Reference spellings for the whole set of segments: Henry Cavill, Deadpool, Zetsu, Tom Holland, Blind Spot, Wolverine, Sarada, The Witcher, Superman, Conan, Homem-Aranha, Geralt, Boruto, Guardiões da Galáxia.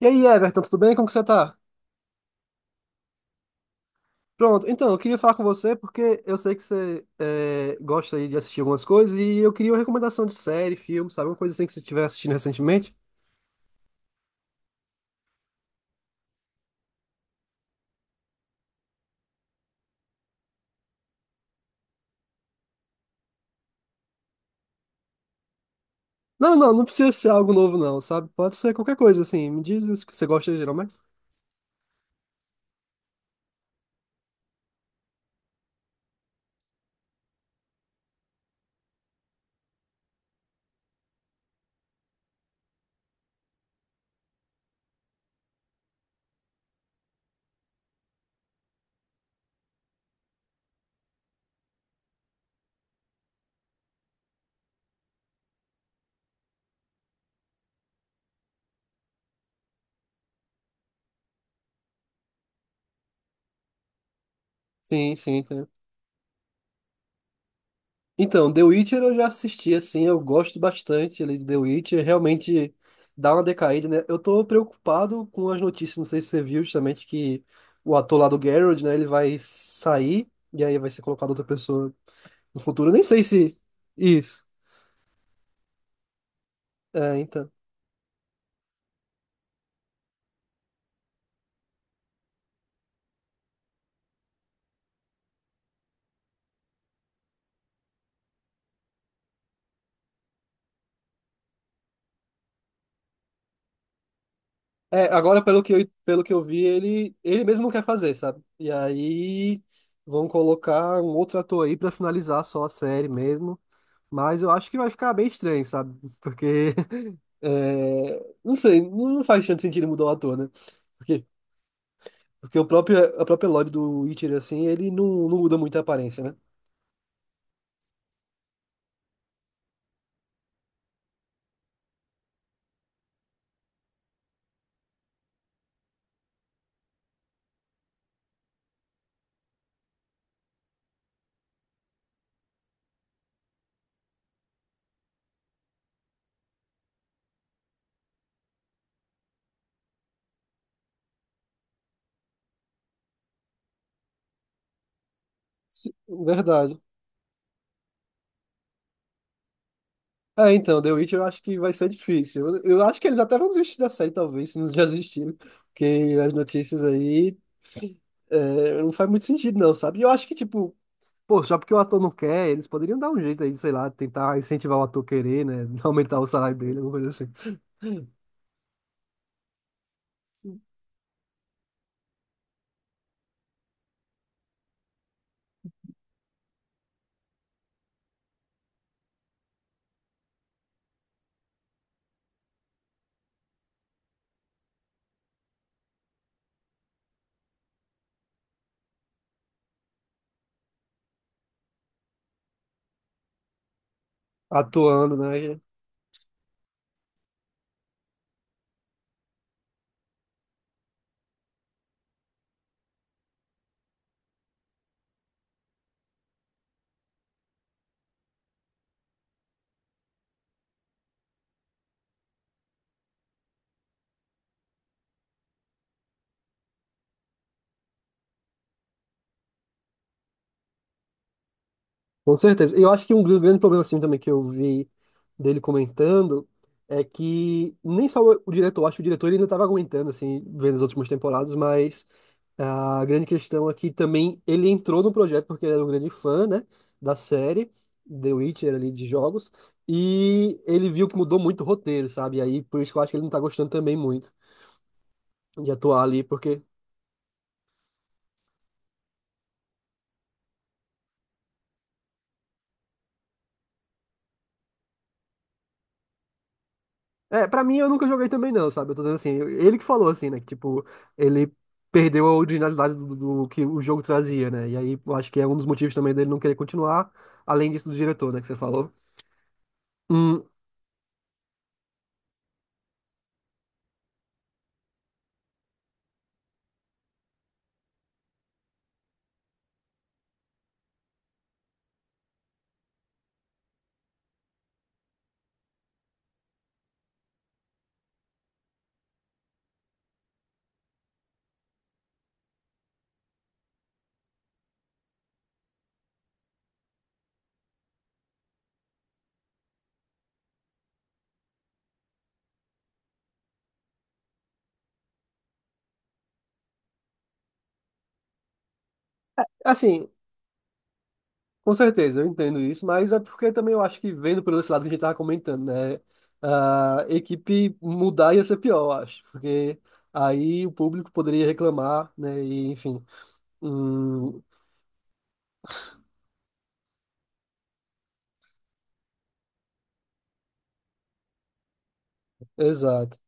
E aí, Everton, tudo bem? Como que você tá? Pronto, então, eu queria falar com você porque eu sei que gosta aí de assistir algumas coisas e eu queria uma recomendação de série, filme, sabe? Uma coisa assim que você estiver assistindo recentemente. Não, não, não precisa ser algo novo não, sabe? Pode ser qualquer coisa assim. Me diz o que você gosta geralmente. Sim, sim. Então, The Witcher eu já assisti, assim, eu gosto bastante ali de The Witcher, realmente dá uma decaída, né? Eu tô preocupado com as notícias, não sei se você viu justamente que o ator lá do Geralt, né, ele vai sair e aí vai ser colocado outra pessoa no futuro. Eu nem sei se... Isso. É, então. É, agora pelo que eu vi, ele mesmo quer fazer, sabe? E aí vão colocar um outro ator aí pra finalizar só a série mesmo, mas eu acho que vai ficar bem estranho, sabe? Porque... É, não sei, não faz tanto sentido mudar o ator, né? Porque, porque a própria Lore do Witcher, assim, ele não, não muda muito a aparência, né? Verdade. É, então, The Witcher eu acho que vai ser difícil. Eu acho que eles até vão desistir da série, talvez, se não já desistiram. Porque as notícias aí não faz muito sentido, não, sabe? E eu acho que, tipo, pô, só porque o ator não quer, eles poderiam dar um jeito aí, sei lá, tentar incentivar o ator a querer, né? Aumentar o salário dele, alguma coisa assim. Atuando, né? Com certeza. E eu acho que um grande problema assim também que eu vi dele comentando é que nem só o diretor, acho que o diretor ele ainda estava aguentando assim, vendo as últimas temporadas, mas a grande questão é que também ele entrou no projeto porque ele era um grande fã, né, da série The Witcher ali de jogos, e ele viu que mudou muito o roteiro, sabe? E aí por isso que eu acho que ele não tá gostando também muito de atuar ali, porque é, pra mim eu nunca joguei também não, sabe? Eu tô dizendo assim, ele que falou assim, né? Que, tipo, ele perdeu a originalidade do, do que o jogo trazia, né? E aí eu acho que é um dos motivos também dele não querer continuar, além disso do diretor, né? Que você falou. Hum, assim, com certeza, eu entendo isso, mas é porque também eu acho que vendo pelo esse lado que a gente tava comentando, né? A equipe mudar ia ser pior, eu acho, porque aí o público poderia reclamar, né? E enfim. Hum, exato.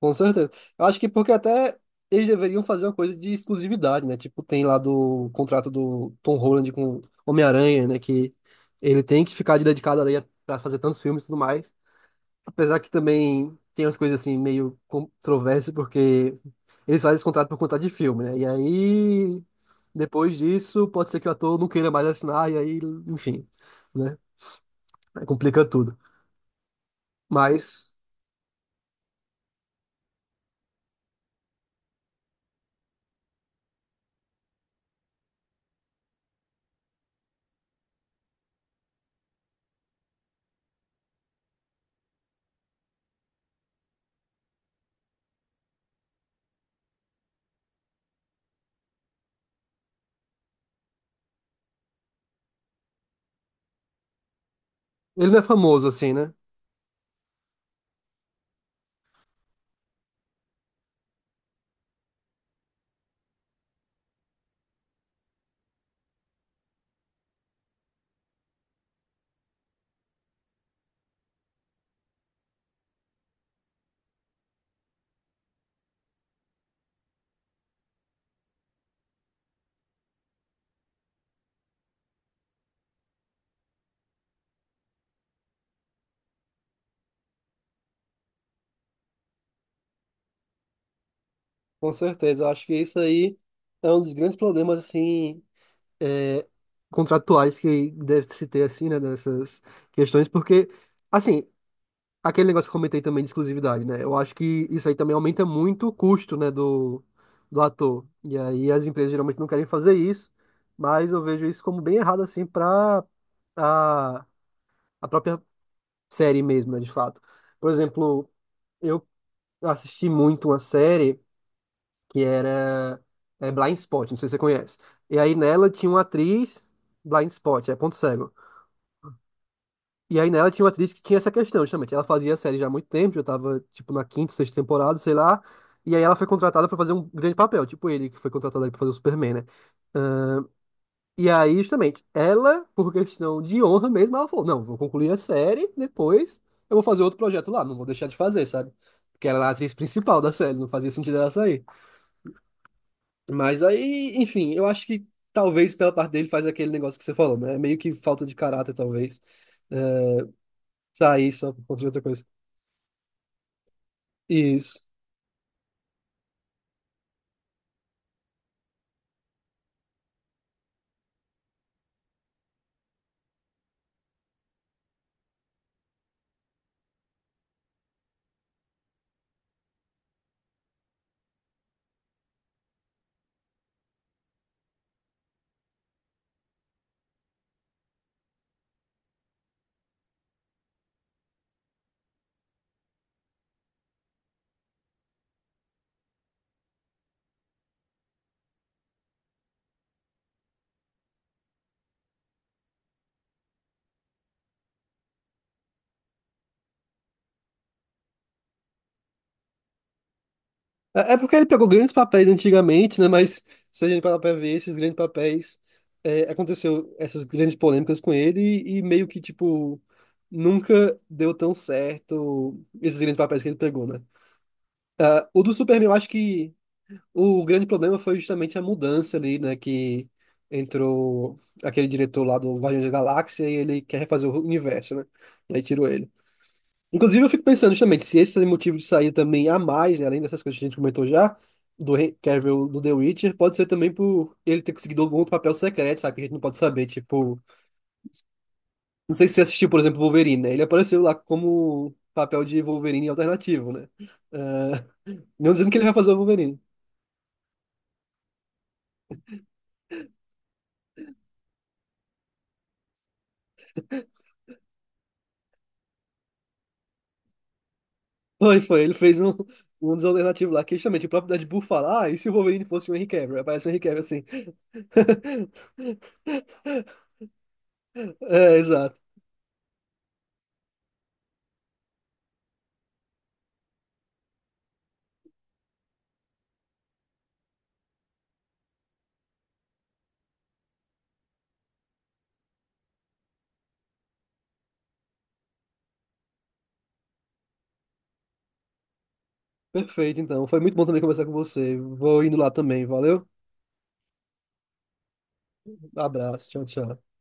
Com certeza. Eu acho que porque até eles deveriam fazer uma coisa de exclusividade, né? Tipo, tem lá do contrato do Tom Holland com Homem-Aranha, né? Que ele tem que ficar dedicado ali pra fazer tantos filmes e tudo mais. Apesar que também tem umas coisas assim meio controversas, porque eles fazem esse contrato por conta de filme, né? E aí, depois disso, pode ser que o ator não queira mais assinar, e aí, enfim, né? Aí complica tudo. Mas ele não é famoso assim, né? Com certeza, eu acho que isso aí é um dos grandes problemas, assim, é, contratuais que deve se ter, assim, né, nessas questões, porque, assim, aquele negócio que eu comentei também de exclusividade, né, eu acho que isso aí também aumenta muito o custo, né, do ator, e aí as empresas geralmente não querem fazer isso, mas eu vejo isso como bem errado, assim, para a, a própria série mesmo, né, de fato. Por exemplo, eu assisti muito uma série que era é, Blind Spot, não sei se você conhece. E aí nela tinha uma atriz, Blind Spot, é ponto cego. E aí nela tinha uma atriz que tinha essa questão, justamente. Ela fazia a série já há muito tempo, já tava, tipo, na quinta, sexta temporada, sei lá. E aí ela foi contratada pra fazer um grande papel, tipo ele que foi contratado ali pra fazer o Superman, né? E aí, justamente, ela, por questão de honra mesmo, ela falou, não, vou concluir a série, depois eu vou fazer outro projeto lá, não vou deixar de fazer, sabe? Porque ela era a atriz principal da série, não fazia sentido ela sair. Mas aí, enfim, eu acho que talvez pela parte dele faz aquele negócio que você falou, né? Meio que falta de caráter, talvez. Né? Sair só por conta de outra coisa. Isso. É, é porque ele pegou grandes papéis antigamente, né? Mas se a gente parar pra ver, esses grandes papéis, é, aconteceu essas grandes polêmicas com ele e meio que, tipo, nunca deu tão certo esses grandes papéis que ele pegou, né? Ah, o do Superman, eu acho que o grande problema foi justamente a mudança ali, né? Que entrou aquele diretor lá do Guardiões da Galáxia e ele quer refazer o universo, né? E aí tirou ele. Inclusive, eu fico pensando justamente se esse é motivo de sair também a mais, né, além dessas coisas que a gente comentou já, do Henry Cavill do The Witcher, pode ser também por ele ter conseguido algum outro papel secreto, sabe? Que a gente não pode saber. Tipo, não sei se você assistiu, por exemplo, Wolverine, né? Ele apareceu lá como papel de Wolverine alternativo, né? Ah, não dizendo que ele vai fazer o Wolverine. Foi, foi. Ele fez um, um dos alternativos lá, que justamente o próprio Deadpool fala, ah, e se o Wolverine fosse o Henry Cavill? Aparece o Henry Cavill assim. É, exato. Perfeito, então. Foi muito bom também conversar com você. Vou indo lá também. Valeu? Abraço. Tchau, tchau.